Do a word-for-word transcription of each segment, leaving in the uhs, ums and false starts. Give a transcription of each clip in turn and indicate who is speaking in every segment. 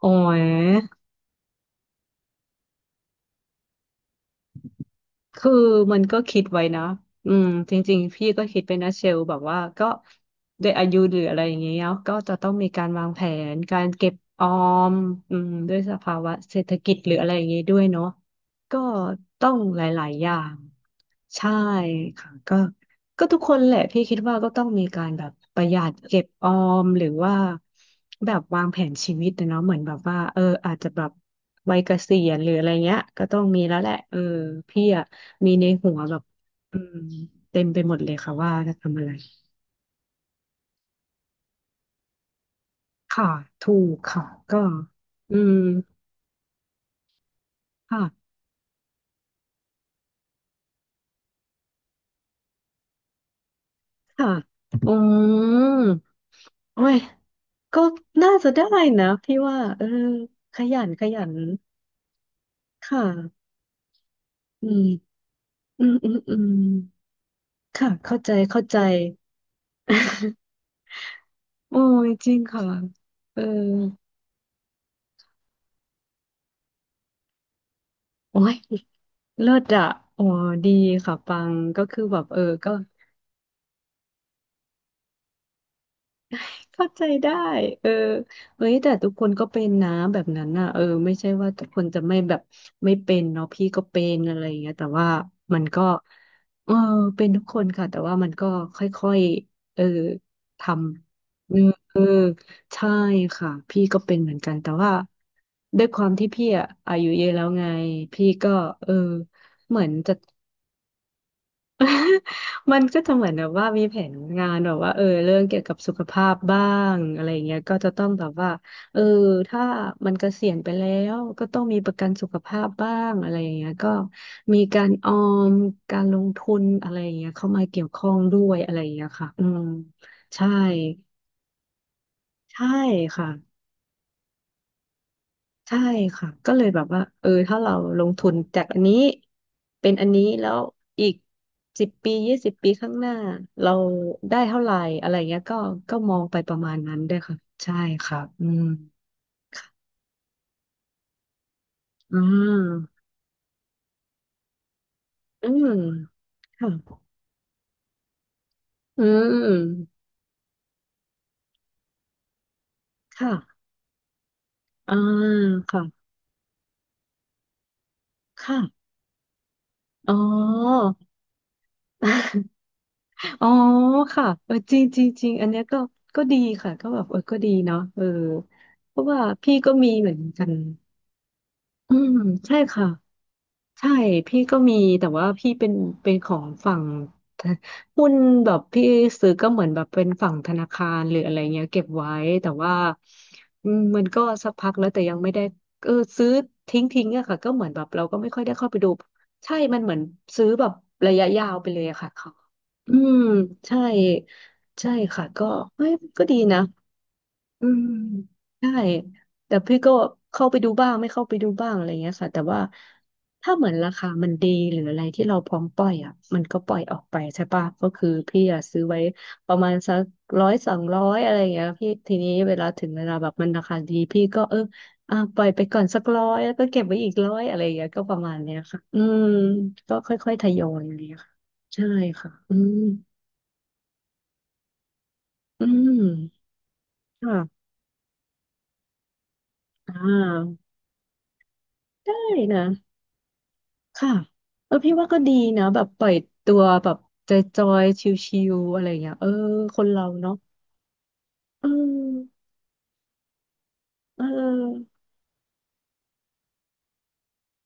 Speaker 1: โอ้ย คือมันก็คิดไว้นะอืมจริงๆพี่ก็คิดไปนะเชลแบบว่าก็ด้วยอายุหรืออะไรอย่างเงี้ยเนาะก็จะต้องมีการวางแผนการเก็บออมอืมด้วยสภาวะเศรษฐกิจหรืออะไรอย่างงี้ด้วยเนาะก็ต้องหลายๆอย่าง ใช่ค่ะก็ก็ทุกคนแหละพี่คิดว่าก็ต้องมีการแบบประหยัดเก็บออมหรือว่าแบบวางแผนชีวิตนะเนาะเหมือนแบบว่าเอออาจจะแบบวัยเกษียณหรืออะไรเงี้ยก็ต้องมีแล้วแหละเออพี่อะมีในหัวแบบอืมเต็มไปหมดเลยค่ะว่าจะทำอะไรค่ะถูกค่ะก็อืมค่ะค่ะอืมโอ้ยก็น่าจะได้นะพี่ว่าเออขยันขยันค่ะ อืมอืม อืม อืม ค่ะ เข้าใจ เข้าใจ โอ้ย จริงค่ะ เออ โอ้ยเลิศอะอ๋อดีค่ะปัง ก็คือแบบ เออ ก็ เข้าใจได้เออเอ้ยแต่ทุกคนก็เป็นนะแบบนั้นน่ะเออไม่ใช่ว่าทุกคนจะไม่แบบไม่เป็นเนาะพี่ก็เป็นอะไรอย่างเงี้ยแต่ว่ามันก็เออเป็นทุกคนค่ะแต่ว่ามันก็ค่อยๆเออทำเออเออใช่ค่ะพี่ก็เป็นเหมือนกันแต่ว่าด้วยความที่พี่อะอายุเยอะแล้วไงพี่ก็เออเหมือนจะ มันก็จะเหมือนแบบว่ามีแผนงานแบบว่าเออเรื่องเกี่ยวกับสุขภาพบ้างอะไรเงี้ยก็จะต้องแบบว่าเออถ้ามันเกษียณไปแล้วก็ต้องมีประกันสุขภาพบ้างอะไรเงี้ยก็มีการออมการลงทุนอะไรเงี้ยเข้ามาเกี่ยวข้องด้วยอะไรเงี้ยค่ะอืมใช่ใช่ค่ะ ใช่ค่ะก็เลยแบบว่าเออถ้าเราลงทุนจากอันนี้เป็นอันนี้แล้วอีกสิบปียี่สิบปีข้างหน้าเราได้เท่าไหร่อะไรเงี้ยก็ก็มองไปประมาณนั้นด้วยค่ะใช่ค่ะอืมค่ะอืมอืมค่ะอืมค่ะอ่าค่ะค่ะอ๋อ อ๋อค่ะเออจริงจริงจริงอันเนี้ยก็ก็ดีค่ะก็แบบเออก็ดีเนาะเออเพราะว่าพี่ก็มีเหมือนกัน อืมใช่ค่ะใช่พี่ก็มีแต่ว่าพี่เป็นเป็นของฝั่งธหุ้นแบบพี่ซื้อก็เหมือนแบบเป็นฝั่งธนาคารหรืออะไรเงี้ยเก็บไว้แต่ว่าอืมมันก็สักพักแล้วแต่ยังไม่ได้เออซื้อทิ้งทิ้งอะค่ะก็เหมือนแบบเราก็ไม่ค่อยได้เข้าไปดูใช่มันเหมือนซื้อแบบระยะยาวไปเลยอะค่ะเขาอืมใช่ใช่ค่ะก็เฮ้ยก็ดีนะ อืมใช่แต่พี่ก็เข้าไปดูบ้างไม่เข้าไปดูบ้างอะไรเงี้ยค่ะแต่ว่าถ้าเหมือนราคามันดีหรืออะไรที่เราพร้อมปล่อยอ่ะมันก็ปล่อยออกไปใช่ปะก็คือพี่อะซื้อไว้ประมาณสักร้อยสองร้อยอะไรเงี้ยพี่ทีนี้เวลาถึงเวลาแบบมันราคาดีพี่ก็เอออ่ะปล่อยไปก่อนสักร้อยแล้วก็เก็บไว้อีกร้อยอะไรเงี้ยก็ประมาณเนี้ยค่ะอืมก็ค่อยๆทยอยอะไรเงี้ยค่ะใช่ค่ะอืมอืมค่ะอ่าได้นะ ค่ะเออพี่ว่าก็ดีนะแบบปล่อยตัวแบบจอยๆชิวๆอะไรอย่างเงี้ยเออคนเราเนาะเออเออ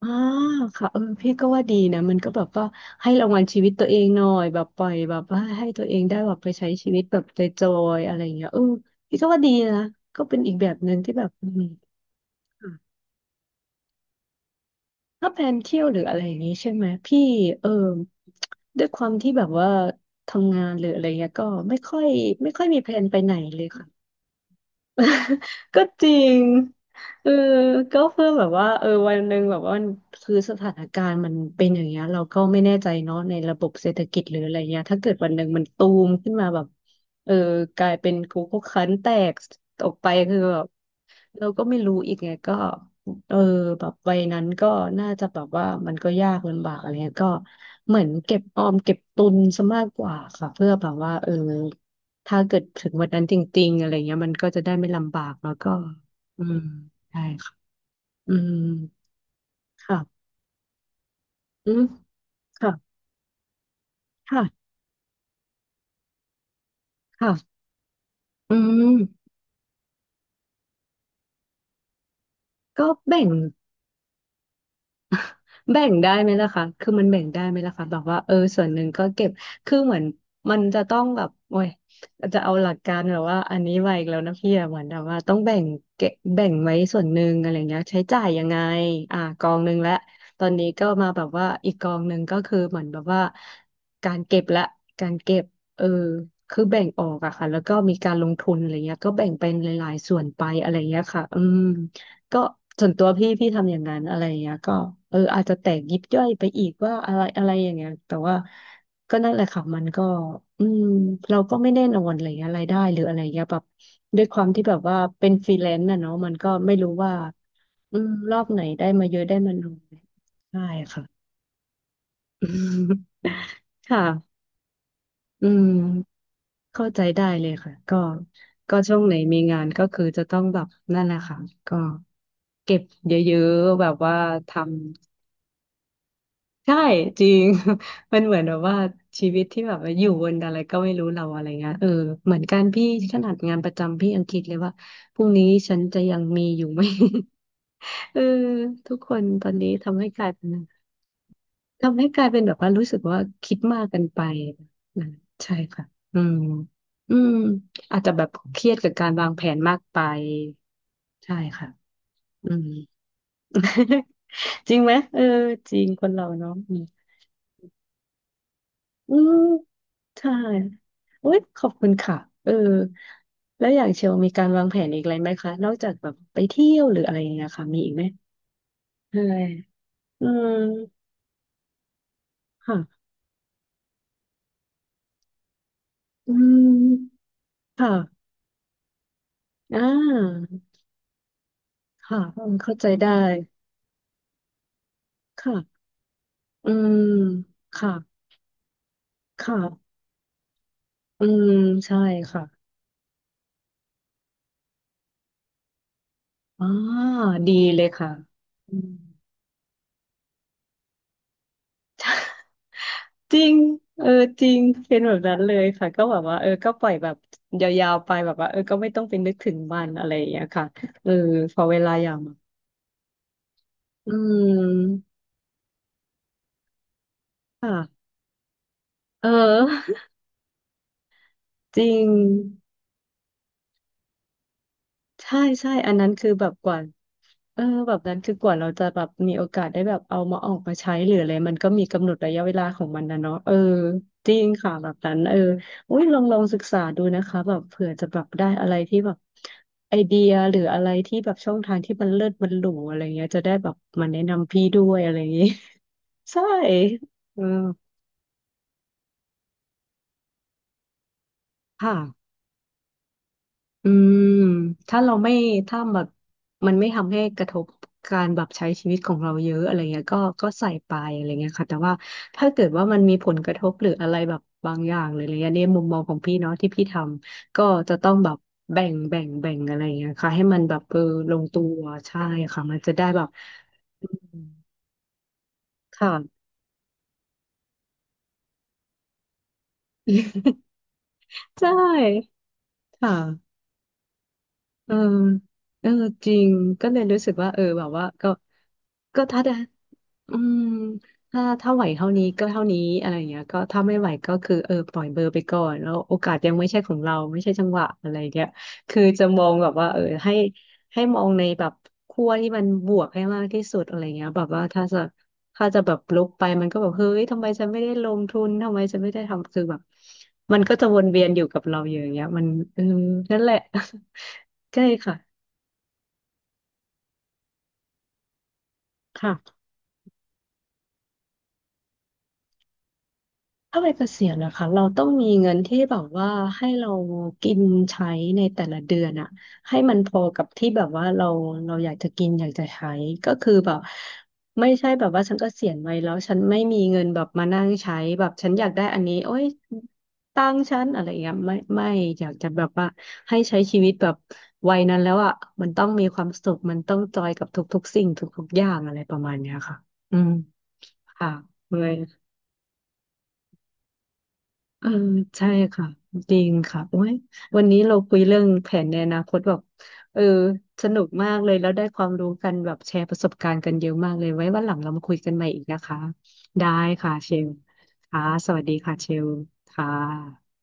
Speaker 1: อ่าค่ะเออพี่ก็ว่าดีนะมันก็แบบว่าให้รางวัลชีวิตตัวเองหน่อยแบบปล่อยแบบว่าให้ตัวเองได้แบบไปใช้ชีวิตแบบจอยๆอะไรอย่างเงี้ยเออพี่ก็ว่าดีนะก็เป็นอีกแบบหนึ่งที่แบบอืมค่ะถ้าแพลนเที่ยวหรืออะไรอย่างงี้ใช่ไหมพี่เออด้วยความที่แบบว่าทำงานหรืออะไรเงี้ยก็ไม่ค่อยไม่ค่อยมีแพลนไปไหนเลยค่ะ ก็จริงเออก็เพื่อแบบว่าเออวันหนึ่งแบบว่ามันคือสถานการณ์มันเป็นอย่างเงี้ยเราก็ไม่แน่ใจเนาะในระบบเศรษฐกิจหรืออะไรเงี้ยถ้าเกิดวันหนึ่งมันตูมขึ้นมาแบบเออกลายเป็นคุกคุกคันแตกออกไปคือแบบ เราก็ไม่รู้อีกไงก็เออแบบวัยนั้นก็น่าจะแบบว่ามันก็ยากลำบากอะไรเงี้ยก็เหมือนเก็บออมเก็บตุนซะมากกว่าค่ะเพื่อแบบว่าเออถ้าเกิดถึงวันนั้นจริงๆอะไรเงี้ยมันก็จะได้ไม่ลำบากแล้วก็อืมใช่ค่ะอืมค่ะอืมค่ะค่ะค่ะอืมก็แบ่ง แบ่งได้ไหมล่ะคะคือมันแบ่งได้ไหมล่ะคะแบบว่าเออส่วนหนึ่งก็เก็บคือเหมือนมันจะต้องแบบโอ้ยจะเอาหลักการแบบว่าอันนี้ไว้อีกแล้วนะพี่อะเหมือนแบบว่าต้องแบ่งเก็บแบ่งไว้ส่วนหนึ่งอะไรเงี้ยใช้จ่ายยังไงอ่ากองหนึ่งละตอนนี้ก็มาแบบว่าอีกกองหนึ่งก็คือเหมือนแบบว่าการเก็บละการเก็บเออคือแบ่งออกอะค่ะแล้วก็มีการลงทุนอะไรเงี้ยก็แบ่งเป็นหลายๆส่วนไปอะไรเงี้ยค่ะอืม ก็ส่วนตัวพี่พี่ทำอย่างนั้นอะไรอย่างเงี้ยก็เอออาจจะแตกยิบย่อยไปอีกว่าอะไรอะไรอย่างเงี้ยแต่ว่าก็นั่นแหละค่ะมันก็อืมเราก็ไม่แน่นอนอะไรเงี้ยรายได้หรืออะไรเงี้ยแบบด้วยความที่แบบว่าเป็นฟรีแลนซ์น่ะเนาะมันก็ไม่รู้ว่าอืมรอบไหนได้มาเยอะได้มาน้อยใช่ค่ะ อืมค่ะอืมเข้าใจได้เลยค่ะก็ก็ช่วงไหนมีงานก็คือจะต้องแบบนั่นแหละค่ะก็เก็บเยอะๆแบบว่าทำ ใช่จริง มันเหมือนแบบว่าชีวิตที่แบบว่าอยู่บนอะไรก็ไม่รู้เราอะไรเงี้ยเออเหมือนกันพี่ขนาดงานประจำพี่ยังคิดเลยว่าพรุ่งนี้ฉันจะยังมีอยู่ไหม เออทุกคนตอนนี้ทำให้กลายเป็นทำให้กลายเป็นแบบว่ารู้สึกว่าคิดมากกันไปนะใช่ค่ะอืมอืมอาจจะแบบเครียดกับการวางแผนมากไปใช่ค่ะอืม จริงไหมเออจริงคนเราเนาะ อืมใช่โอ้ยขอบคุณค่ะเออแล้วอย่างเชลมีการวางแผนอีกอะไรไหมคะนอกจากแบบไปเที่ยวหรืออะไรอย่างเงี้ยค่ะมีอีกไหมใช่อืมค่ะอืมค่ะอ่าค่ะอืมเข้าใจได้ค่ะอืมค่ะค่ะอืมใช่ค่ะอ่าดีเลยค่ะอืม จริงเออจริงเป็นแบบนั้นเลยค่ะก็แบบว่าเออก็ปล่อยแบบยาวๆไปแบบว่าเออก็ไม่ต้องไปนึกถึงมันอะไรอย่างเงี้ยค่ะเออพอเวลาอย่างอืมค่ะเออจริงใช่ใช่อันนั้นคือแบบกว่า เออแบบนั้นคือกว่าเราจะแบบมีโอกาสได้แบบเอามาออกมาใช้หรืออะไรมันก็มีกำหนดระยะเวลาของมันนะเนาะเออจริงค่ะแบบนั้นเอออุ้ยลองลองศึกษาดูนะคะแบบเผื่อจะแบบได้อะไรที่แบบไอเดียหรืออะไรที่แบบช่องทางที่มันเลิศมันหรูอะไรเงี้ยจะได้แบบมาแนะนำพี่ด้วยอะไรอย่างงี้ ใช่เออค่ะ อืมถ้าเราไม่ถ้าแบบมันไม่ทำให้กระทบการแบบใช้ชีวิตของเราเยอะอะไรเงี้ยก็ก็ใส่ไปอะไรเงี้ยค่ะแต่ว่าถ้าเกิดว่ามันมีผลกระทบหรืออะไรแบบบางอย่างเลยอะไรเงี้ยในมุมมองของพี่เนาะที่พี่ทำก็จะต้องแบบแบ่งแบ่งแบ่งอะไรเงี้ยค่ะให้มันแบบเออลงตัวใช่ค่ะมันจะได้แบบอืมค่ะ ใช่ค่ะเออเออจริงก็เลยรู้สึกว่าเออแบบว่าก็ก็ถ้าได้ อืมถ้าถ้าไหวเท่านี้ก็เท่านี้อะไรอย่างเงี้ยก็ถ้าไม่ไหวก็คือเออปล่อยเบอร์ไปก่อนแล้วโอกาสยังไม่ใช่ของเราไม่ใช่จังหวะอะไรอย่างเงี้ยคือจะมองแบบว่าเออให้ให้มองในแบบขั้วที่มันบวกให้มากที่สุดอะไรเงี้ยแบบว่าถ้าจะถ้าจะแบบลบไปมันก็แบบเฮ้ยทำไมฉันไม่ได้ลงทุนทำไมฉันไม่ได้ทำคือแบบมันก็จะวนเวียนอยู่กับเราอยู่อย่างเงี้ยมันเออนั่นแหละ ใช่ค่ะค่ะ ถ้าไปเกษียณนะคะเราต้องมีเงินที่แบบว่าให้เรากินใช้ในแต่ละเดือนอะให้มันพอกับที่แบบว่าเราเราอยากจะกินอยากจะใช้ก็คือแบบไม่ใช่แบบว่าฉันเกษียณไว้แล้วฉันไม่มีเงินแบบมานั่งใช้แบบฉันอยากได้อันนี้โอ๊ยตังค์ฉันอะไรอย่างเงี้ยไม่ไม่อยากจะแบบว่าให้ใช้ชีวิตแบบวัยนั้นแล้วอะมันต้องมีความสุขมันต้องจอยกับทุกๆสิ่งทุกๆอย่างอะไรประมาณเนี้ยค่ะอืมค่ะเลย เออใช่ค่ะจริงค่ะโอ้ยวันนี้เราคุยเรื่องแผนในอนาคตแบบเออสนุกมากเลยแล้วได้ความรู้กันแบบแชร์ประสบการณ์กันเยอะมากเลยไว้วันหลังเรามาคุยกันใหม่อีกนะคะได้ค่ะเชลค่ะสวัสดีค่ะเชลค่ะ